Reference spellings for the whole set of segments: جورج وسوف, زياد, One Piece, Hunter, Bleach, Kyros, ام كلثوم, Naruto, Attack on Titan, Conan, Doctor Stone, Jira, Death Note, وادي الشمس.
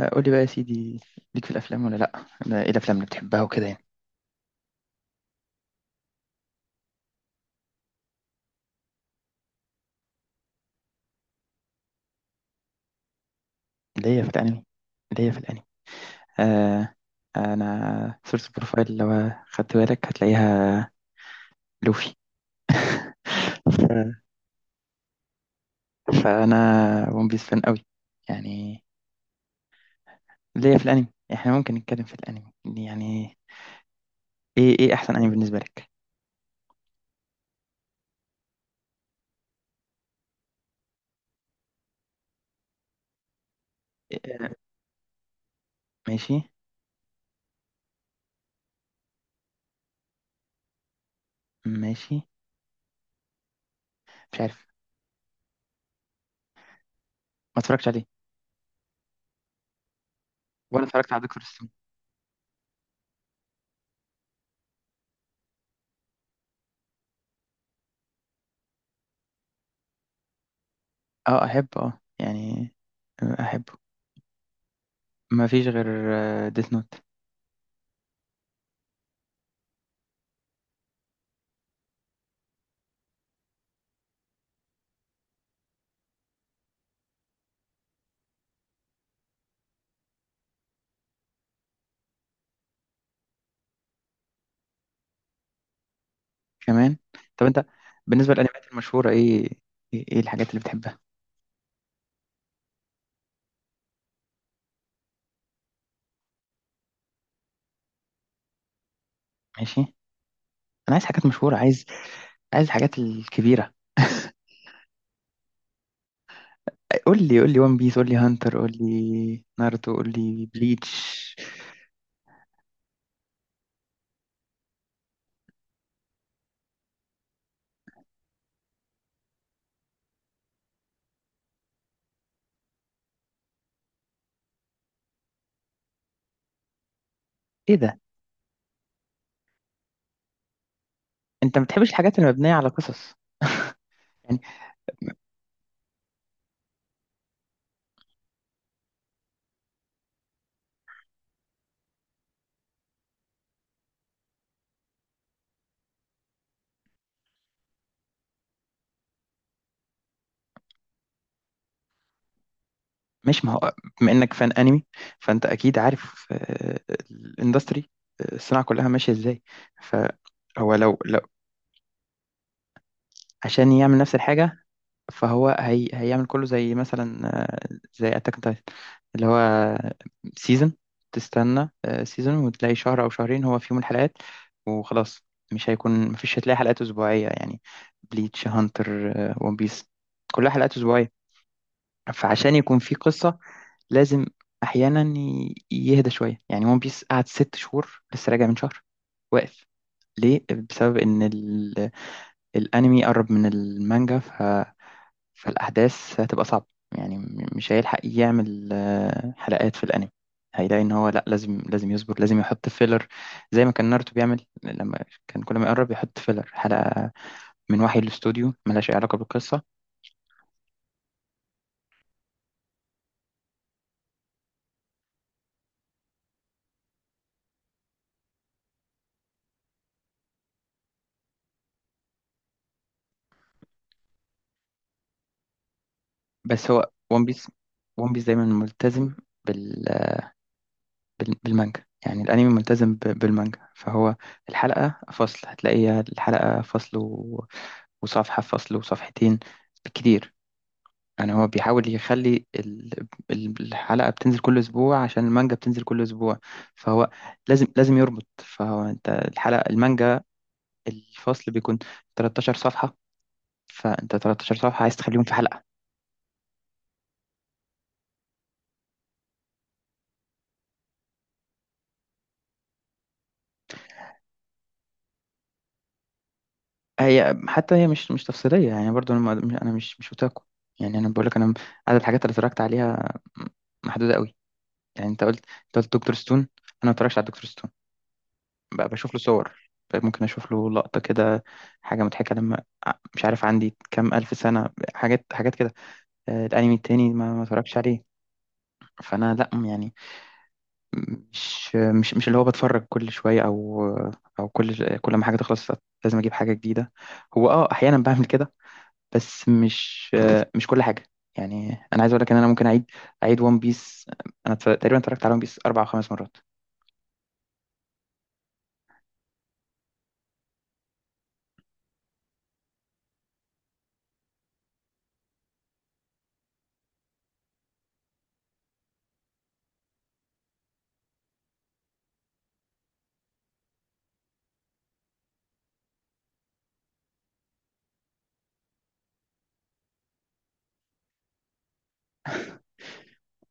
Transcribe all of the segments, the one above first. آه، قولي بقى يا سيدي، ليك في الافلام ولا لا؟ أنا ايه الافلام اللي بتحبها وكده يعني؟ اللي هي في الانمي. اللي هي في الانمي آه، انا صورة البروفايل لو خدت بالك هتلاقيها لوفي. ف- فانا ون بيس فان قوي يعني. اللي هي في الانمي، احنا ممكن نتكلم في الانمي يعني. ايه احسن انمي بالنسبة لك؟ آه، ماشي. ماشي. مش عارف، ما اتفرجتش عليه، ولا اتفرجت على دكتور ستون. اه، احبه، اه يعني. آه، احبه. ما فيش غير ديث نوت. كمان. طب انت بالنسبه للانميات المشهوره، ايه إيه الحاجات اللي بتحبها؟ ماشي. انا عايز حاجات مشهوره، عايز الحاجات الكبيره. قول لي، قول لي ون بيس، قول لي هانتر، قول لي ناruto، قول لي بليتش. ايه ده؟ انت ما بتحبش الحاجات اللي مبنيه على قصص يعني؟ مش، ما هو بما انك فان انمي، فانت اكيد عارف الاندستري، الصناعه كلها ماشيه ازاي. فهو لو عشان يعمل نفس الحاجه، فهو هيعمل كله زي مثلا، زي اتاك اون تايتن، اللي هو سيزون تستنى سيزون، وتلاقي شهر او شهرين هو فيهم الحلقات وخلاص. مش هيكون، مفيش، هتلاقي حلقات اسبوعيه يعني. بليتش، هانتر، ون بيس، كلها حلقات اسبوعيه. فعشان يكون في قصه، لازم احيانا يهدى شويه. يعني ون بيس قعد 6 شهور، لسه راجع من شهر واقف. ليه؟ بسبب ان الانمي قرب من المانجا، فالأحداث هتبقى صعبة. يعني مش هيلحق يعمل حلقات في الأنمي. هيلاقي إن هو لأ، لازم لازم يصبر، لازم يحط فيلر. زي ما كان ناروتو بيعمل، لما كان كل ما يقرب يحط فيلر حلقة من وحي الاستوديو، ملهاش أي علاقة بالقصة. بس هو ون بيس، دايما ملتزم بال... بالمانجا. يعني الأنمي ملتزم بالمانجا، فهو الحلقة فصل، هتلاقيها الحلقة فصل وصفحة، فصل وصفحتين بالكتير. يعني هو بيحاول يخلي الحلقة بتنزل كل أسبوع عشان المانجا بتنزل كل أسبوع. فهو لازم يربط، فهو أنت الحلقة، المانجا الفصل بيكون 13 صفحة، فأنت 13 صفحة عايز تخليهم في حلقة. هي حتى هي مش تفصيلية، يعني برضو أنا، أنا مش أوتاكو. يعني أنا بقول لك، أنا عدد الحاجات اللي اتفرجت عليها محدودة قوي. يعني أنت قلت دكتور ستون، أنا ما اتفرجتش على دكتور ستون. بشوف له صور، ممكن اشوف له لقطة كده، حاجة مضحكة، لما مش عارف عندي كام الف سنة، حاجات حاجات كده. آه، الانمي التاني ما اتفرجش عليه. فانا لا يعني، مش اللي هو بتفرج كل شوية، او كل ما حاجة تخلص لازم اجيب حاجة جديدة. هو اه احيانا بعمل كده، بس مش مش كل حاجة يعني. انا عايز اقول لك ان انا ممكن اعيد اعيد ون بيس. انا تقريبا اتفرجت على ون بيس 4 او 5 مرات.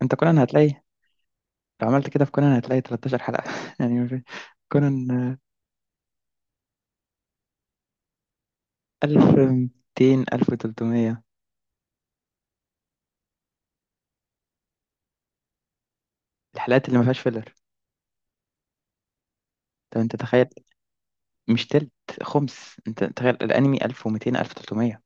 انت كونان هتلاقي، لو عملت كده في كونان هتلاقي 13 حلقة يعني. كونان 1200، 1300 الحلقات اللي ما فيهاش فيلر. طب انت تخيل، مش تلت، خمس، انت تخيل الانمي 1200، 1300.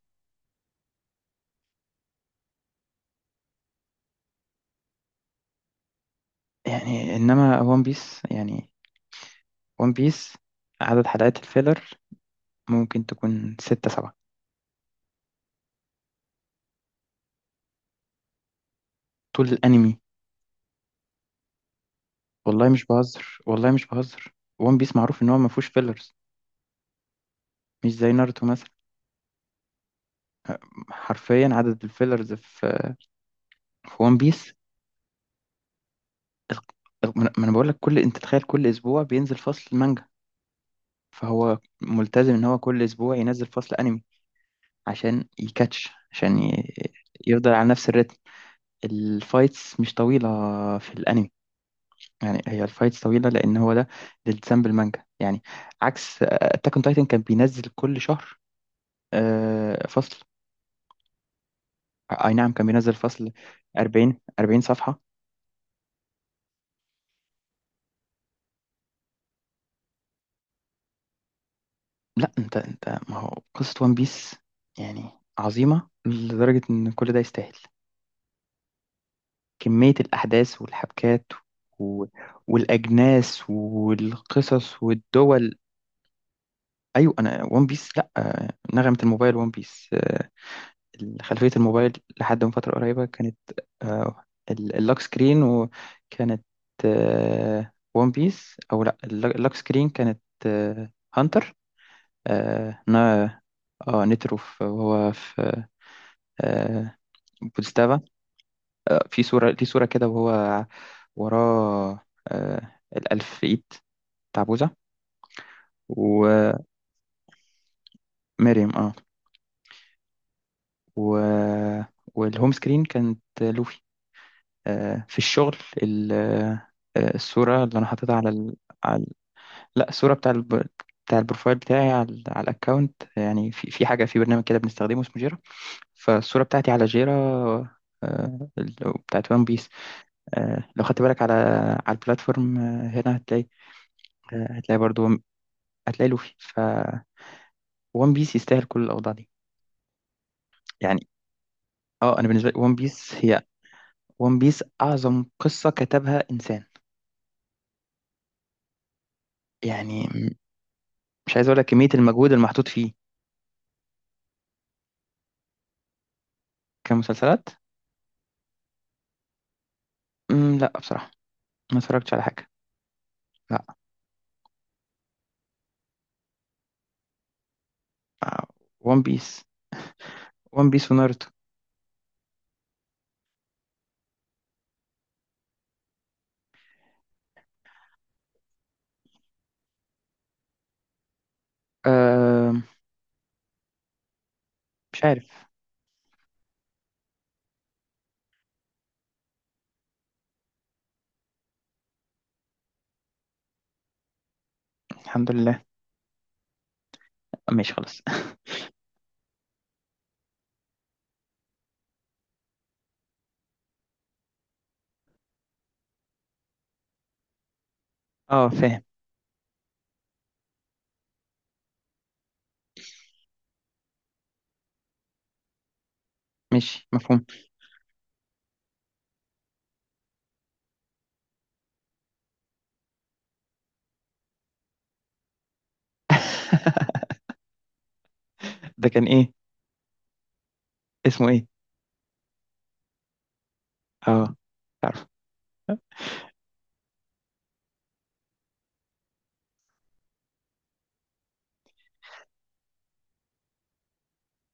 يعني انما ون بيس يعني، ون بيس عدد حلقات الفيلر ممكن تكون 6 7 طول الانمي. والله مش بهزر، والله مش بهزر. ون بيس معروف ان هو ما فيهوش فيلرز، مش زي ناruتو مثلا. حرفيا عدد الفيلرز في ون بيس، ما انا بقول لك، كل، انت تخيل كل اسبوع بينزل فصل مانجا، فهو ملتزم ان هو كل اسبوع ينزل فصل انمي عشان يكاتش، عشان يفضل على نفس الريتم. الفايتس مش طويلة في الانمي، يعني هي الفايتس طويلة لان هو ده الالتزام بالمانجا يعني. عكس اتاك اون تايتن، كان بينزل كل شهر فصل، اي نعم، كان بينزل فصل 40 صفحة. لا انت، ما هو قصة وان بيس يعني عظيمة لدرجة ان كل ده يستاهل، كمية الأحداث والحبكات و... والأجناس والقصص والدول. أيوة، أنا ون بيس، لأ، نغمة الموبايل ون بيس، خلفية الموبايل لحد من فترة قريبة كانت آه، اللوك سكرين، وكانت ون بيس. أو لأ، اللوك سكرين كانت هانتر، آه، نا آه، نترو، وهو في آه، بوتسلافا. في صورة دي، صورة كده وهو وراه الألف في إيد بتاع بوذا، ومريم اه. و... والهوم سكرين كانت لوفي، في الشغل. ال... آه، الصورة اللي أنا حاططها على على ال- لا، الصورة بتاع بتاع البروفايل بتاعي على، على الأكاونت، يعني في حاجة في برنامج كده بنستخدمه اسمه جيرا. فالصورة بتاعتي على جيرا بتاعت وان بيس. لو خدت بالك على، البلاتفورم هنا، هتلاقي هتلاقي برضو، هتلاقي لوفي. ف وان بيس يستاهل كل الاوضاع دي يعني. اه، انا بالنسبه لي وان بيس هي، وان بيس اعظم قصه كتبها انسان. يعني مش عايز اقول لك كميه المجهود المحطوط فيه. كمسلسلات، لا بصراحه، ما اتفرجتش على حاجه. لا، وان بيس، وناruto. أه، مش عارف. الحمد لله. ماشي، خلاص. اه، فاهم. ماشي، مفهوم. ده كان ايه؟ اسمه ايه؟ اه، تعرف.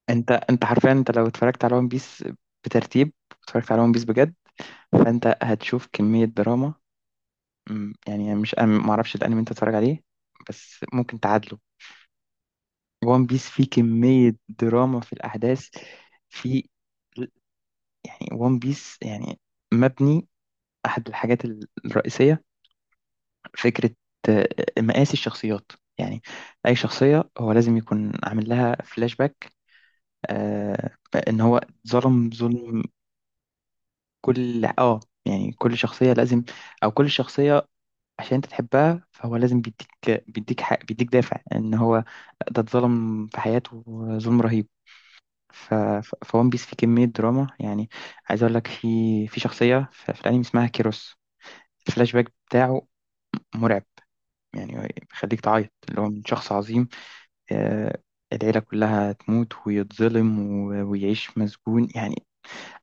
انت حرفيا، انت لو اتفرجت على ون بيس بترتيب، اتفرجت على ون بيس بجد، فانت هتشوف كمية دراما. يعني مش أنا ما اعرفش الانمي انت تتفرج عليه، بس ممكن تعادله. وان بيس فيه كمية دراما في الاحداث، في يعني وان بيس يعني مبني، احد الحاجات الرئيسية فكرة آه، مقاس الشخصيات، يعني اي شخصية هو لازم يكون عامل لها فلاش باك. آه، ان هو ظلم، ظلم. كل اه، يعني كل شخصية لازم، او كل شخصية عشان انت تحبها، فهو لازم بيديك، بيديك حق، بيديك دافع ان هو ده اتظلم في حياته ظلم رهيب. فون بيس فيه كمية دراما يعني. عايز اقول لك، في شخصية في الانمي اسمها كيروس. الفلاش باك بتاعه مرعب يعني، بيخليك تعيط. اللي هو من شخص عظيم، آه، العيلة كلها تموت ويتظلم ويعيش مسجون، يعني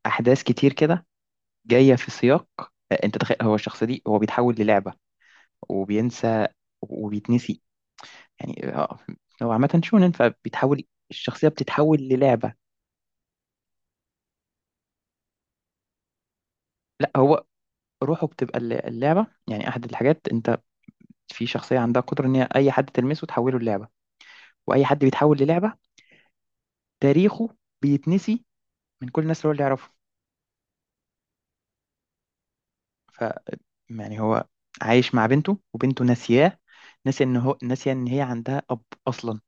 أحداث كتير كده جاية في سياق. آه، أنت تخيل هو الشخص دي هو بيتحول للعبة وبينسى وبيتنسي. يعني آه، هو عامة شونن، فبيتحول، الشخصية بتتحول للعبة. لا هو روحه بتبقى اللعبة. يعني أحد الحاجات، أنت في شخصية عندها قدرة إن هي أي حد تلمسه تحوله للعبة، وأي حد بيتحول للعبة تاريخه بيتنسي من كل الناس اللي يعرفه. ف يعني هو عايش مع بنته وبنته ناسياه، ناسية إن هو، ناسية إن هي عندها أب أصلا.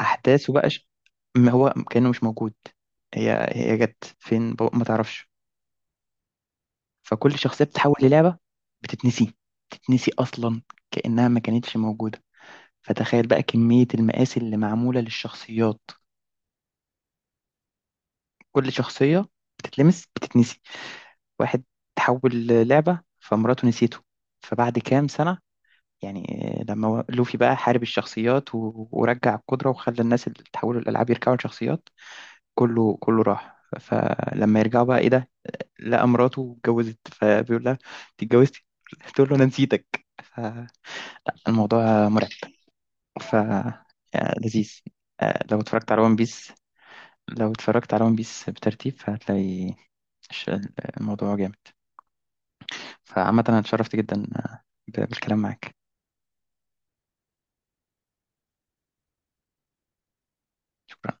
أحداثه بقى ما هو كأنه مش موجود. هي جت فين؟ بابا ما تعرفش. فكل شخصية بتتحول للعبة بتتنسي، تتنسي أصلا كأنها ما كانتش موجودة. فتخيل بقى كمية المقاس اللي معمولة للشخصيات، كل شخصية بتتلمس بتتنسي. واحد تحول لعبة فمراته نسيته، فبعد كام سنة يعني، آه، لما لوفي بقى حارب الشخصيات ورجع القدرة وخلى الناس اللي تحولوا الألعاب يرجعوا لشخصيات، كله، راح. فلما يرجعوا بقى، ايه ده، لقى مراته اتجوزت فبيقول لها انت اتجوزتي، تقول له انا نسيتك. الموضوع مرعب. ف آه، لذيذ. آه، لو اتفرجت على ون بيس، لو اتفرجت على ون بيس بترتيب فهتلاقي الش- الموضوع جامد. فعامة، أنا اتشرفت جدا بالكلام معاك. شكرا.